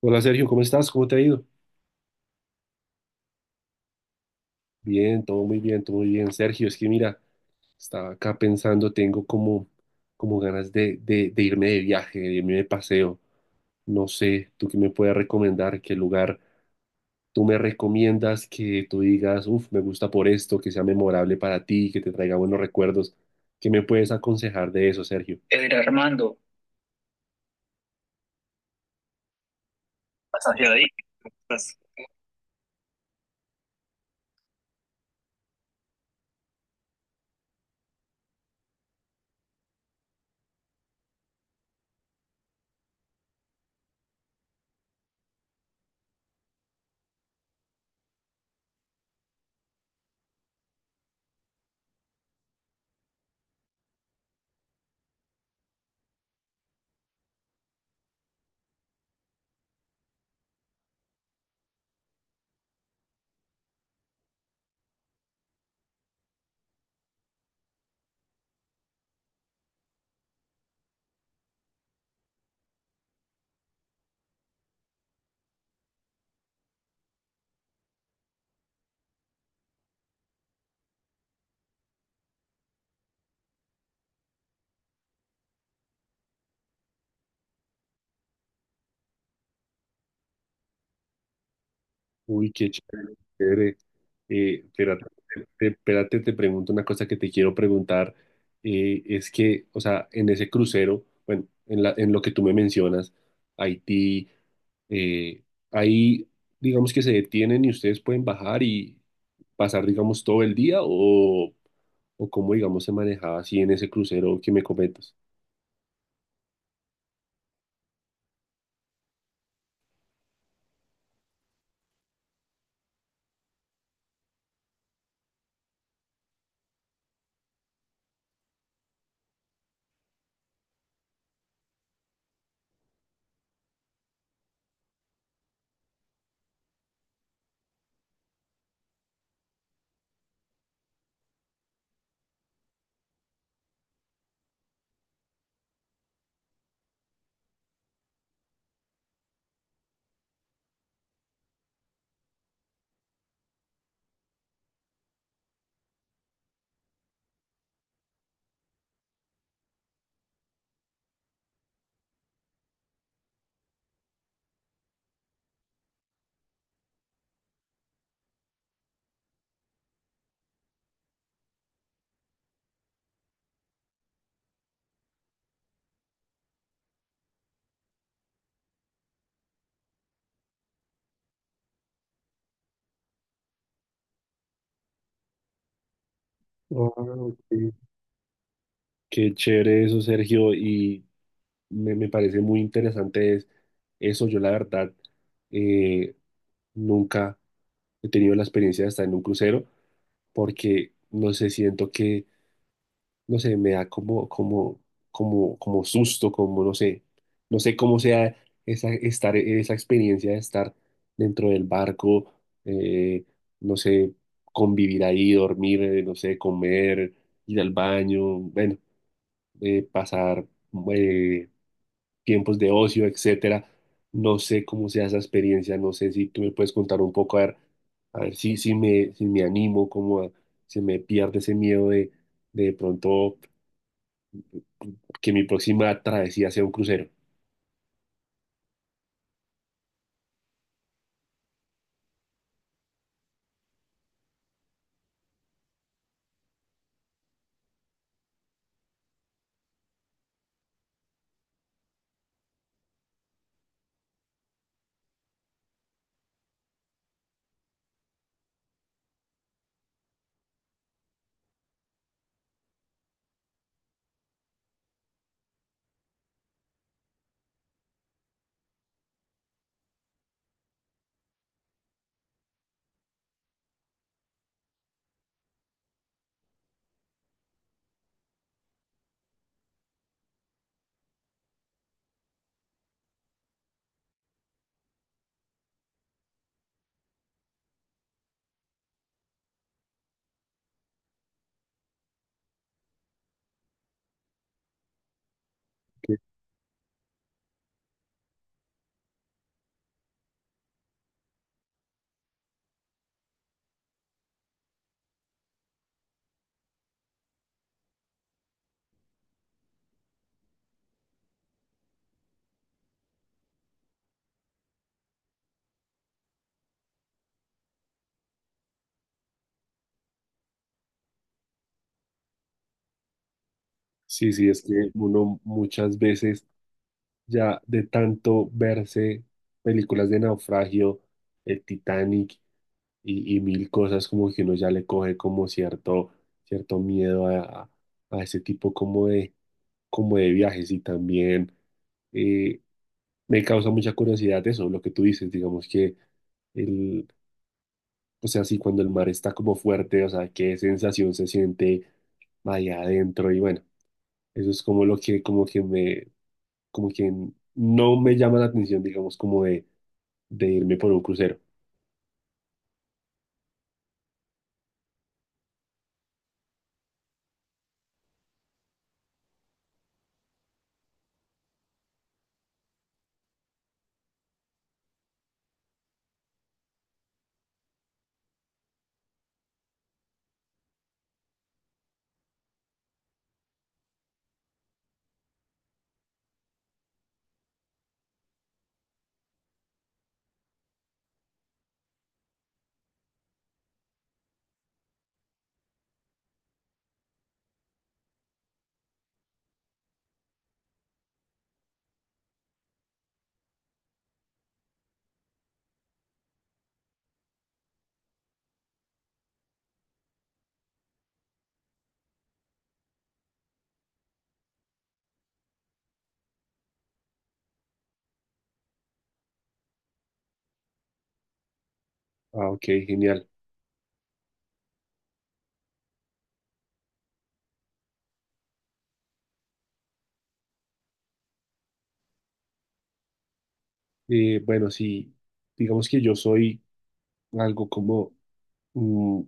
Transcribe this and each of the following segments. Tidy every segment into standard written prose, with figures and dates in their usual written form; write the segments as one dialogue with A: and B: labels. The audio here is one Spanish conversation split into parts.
A: Hola Sergio, ¿cómo estás? ¿Cómo te ha ido? Bien, todo muy bien, todo muy bien. Sergio, es que mira, estaba acá pensando, tengo como, como ganas de irme de viaje, de irme de paseo. No sé, ¿tú qué me puedes recomendar? ¿Qué lugar tú me recomiendas que tú digas, uff, me gusta por esto, que sea memorable para ti, que te traiga buenos recuerdos? ¿Qué me puedes aconsejar de eso, Sergio? Mira, Armando, estás ansiado ahí, estás. Uy, qué chévere, chévere. Espérate, espérate, te pregunto una cosa que te quiero preguntar. Es que, o sea, en ese crucero, bueno, en la, en lo que tú me mencionas, Haití, eh, ahí, digamos que se detienen y ustedes pueden bajar y pasar, digamos, todo el día o cómo, digamos, se manejaba así en ese crucero que me comentas. Ah, ok. Qué chévere eso, Sergio. Y me parece muy interesante es eso. Yo la verdad eh, nunca he tenido la experiencia de estar en un crucero porque no sé, siento que, no sé, me da como, como, como, como susto, como no sé, no sé cómo sea esa, estar, esa experiencia de estar dentro del barco, eh, no sé, convivir ahí, dormir, no sé, comer, ir al baño, bueno, pasar... eh, tiempos de ocio, etcétera. No sé cómo sea esa experiencia, no sé si tú me puedes contar un poco, a ver si, si me, si me animo, se me pierde ese miedo de pronto que mi próxima travesía sea un crucero. Que- Sí, sí, es que uno muchas veces ya de tanto verse películas de naufragio, el Titanic y mil cosas, como que uno ya le coge como cierto, cierto miedo a ese tipo como de viajes y también eh, me causa mucha curiosidad eso, lo que tú dices, digamos que el, o sea, sí, cuando el mar está como fuerte, o sea, qué sensación se siente allá adentro y bueno, eso es como lo que, como que me, como que no me llama la atención, digamos, como de irme por un crucero. Ah, ok, genial. Bueno, sí, digamos que yo soy algo como mm,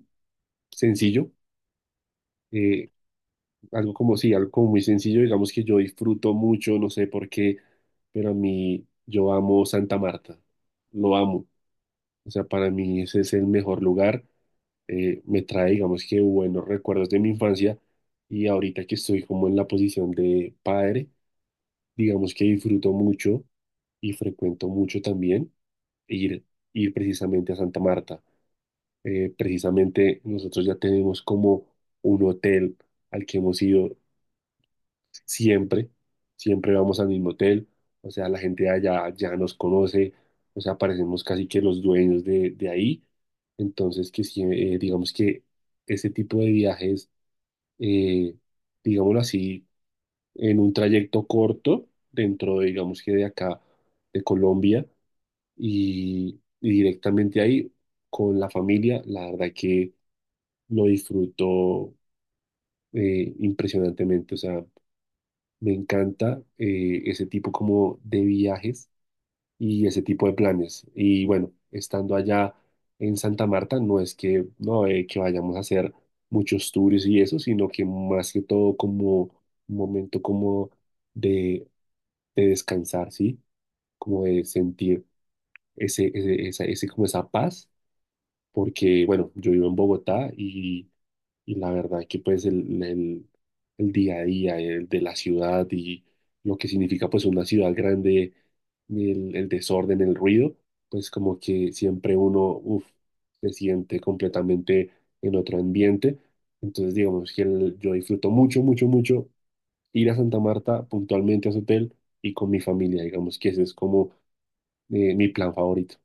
A: sencillo. Eh, algo como sí, algo como muy sencillo, digamos que yo disfruto mucho, no sé por qué, pero a mí yo amo Santa Marta, lo amo. O sea, para mí ese es el mejor lugar, me trae, digamos que buenos recuerdos de mi infancia y ahorita que estoy como en la posición de padre, digamos que disfruto mucho y frecuento mucho también ir, ir precisamente a Santa Marta. Precisamente nosotros ya tenemos como un hotel al que hemos ido siempre, siempre vamos al mismo hotel, o sea, la gente de allá ya nos conoce, o sea, parecemos casi que los dueños de ahí, entonces que sí, digamos que ese tipo de viajes, eh, digámoslo así, en un trayecto corto, dentro de, digamos que de acá, de Colombia, y directamente ahí con la familia, la verdad que lo disfruto impresionantemente, o sea, me encanta ese tipo como de viajes y ese tipo de planes. Y bueno, estando allá en Santa Marta, no es que, no, que vayamos a hacer muchos tours y eso, sino que más que todo como un momento como de, de descansar, ¿sí? Como de sentir ese, ese, esa, ese, como esa paz porque, bueno, yo vivo en Bogotá y la verdad que pues el, el día a día el de la ciudad y lo que significa pues una ciudad grande, el desorden, el ruido, pues como que siempre uno uf, se siente completamente en otro ambiente. Entonces digamos que yo disfruto mucho, mucho, mucho ir a Santa Marta puntualmente a su hotel y con mi familia, digamos que ese es como mi plan favorito.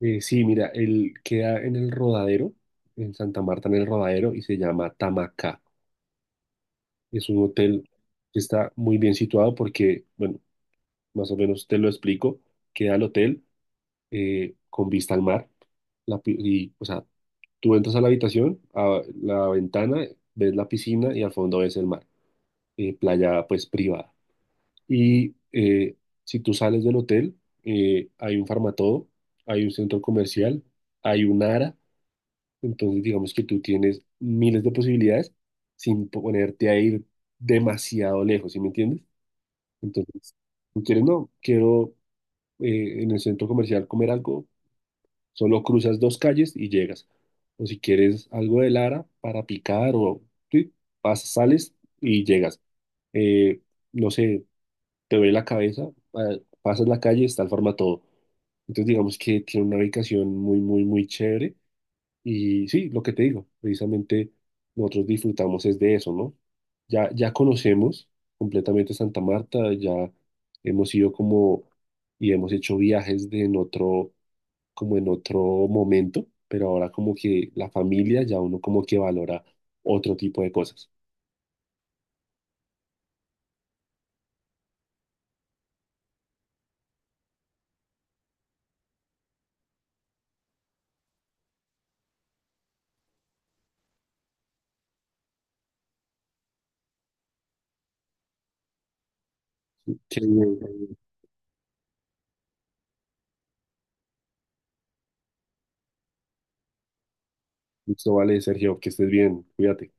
A: Sí, mira, él queda en el Rodadero, en Santa Marta, en el Rodadero, y se llama Tamacá. Es un hotel que está muy bien situado porque, bueno, más o menos te lo explico. Queda el hotel con vista al mar. La, y, o sea, tú entras a la habitación, a la ventana, ves la piscina y al fondo ves el mar. Playa, pues, privada. Y si tú sales del hotel, hay un farmatodo, hay un centro comercial, hay un ARA. Entonces, digamos que tú tienes miles de posibilidades sin ponerte a ir demasiado lejos, ¿sí me entiendes? Entonces, tú quieres, no, quiero en el centro comercial comer algo, solo cruzas dos calles y llegas. O si quieres algo de Lara para picar o sí, pasas, sales y llegas. Eh, no sé, te duele la cabeza, pasas la calle, está el todo. Entonces, digamos que tiene una ubicación muy, muy, muy chévere y sí, lo que te digo, precisamente nosotros disfrutamos es de eso, ¿no? Ya, ya conocemos completamente Santa Marta, ya hemos ido como y hemos hecho viajes de en otro, como en otro momento, pero ahora como que la familia ya uno como que valora otro tipo de cosas. Qué bien, qué bien. Listo, vale, Sergio, que estés bien, cuídate.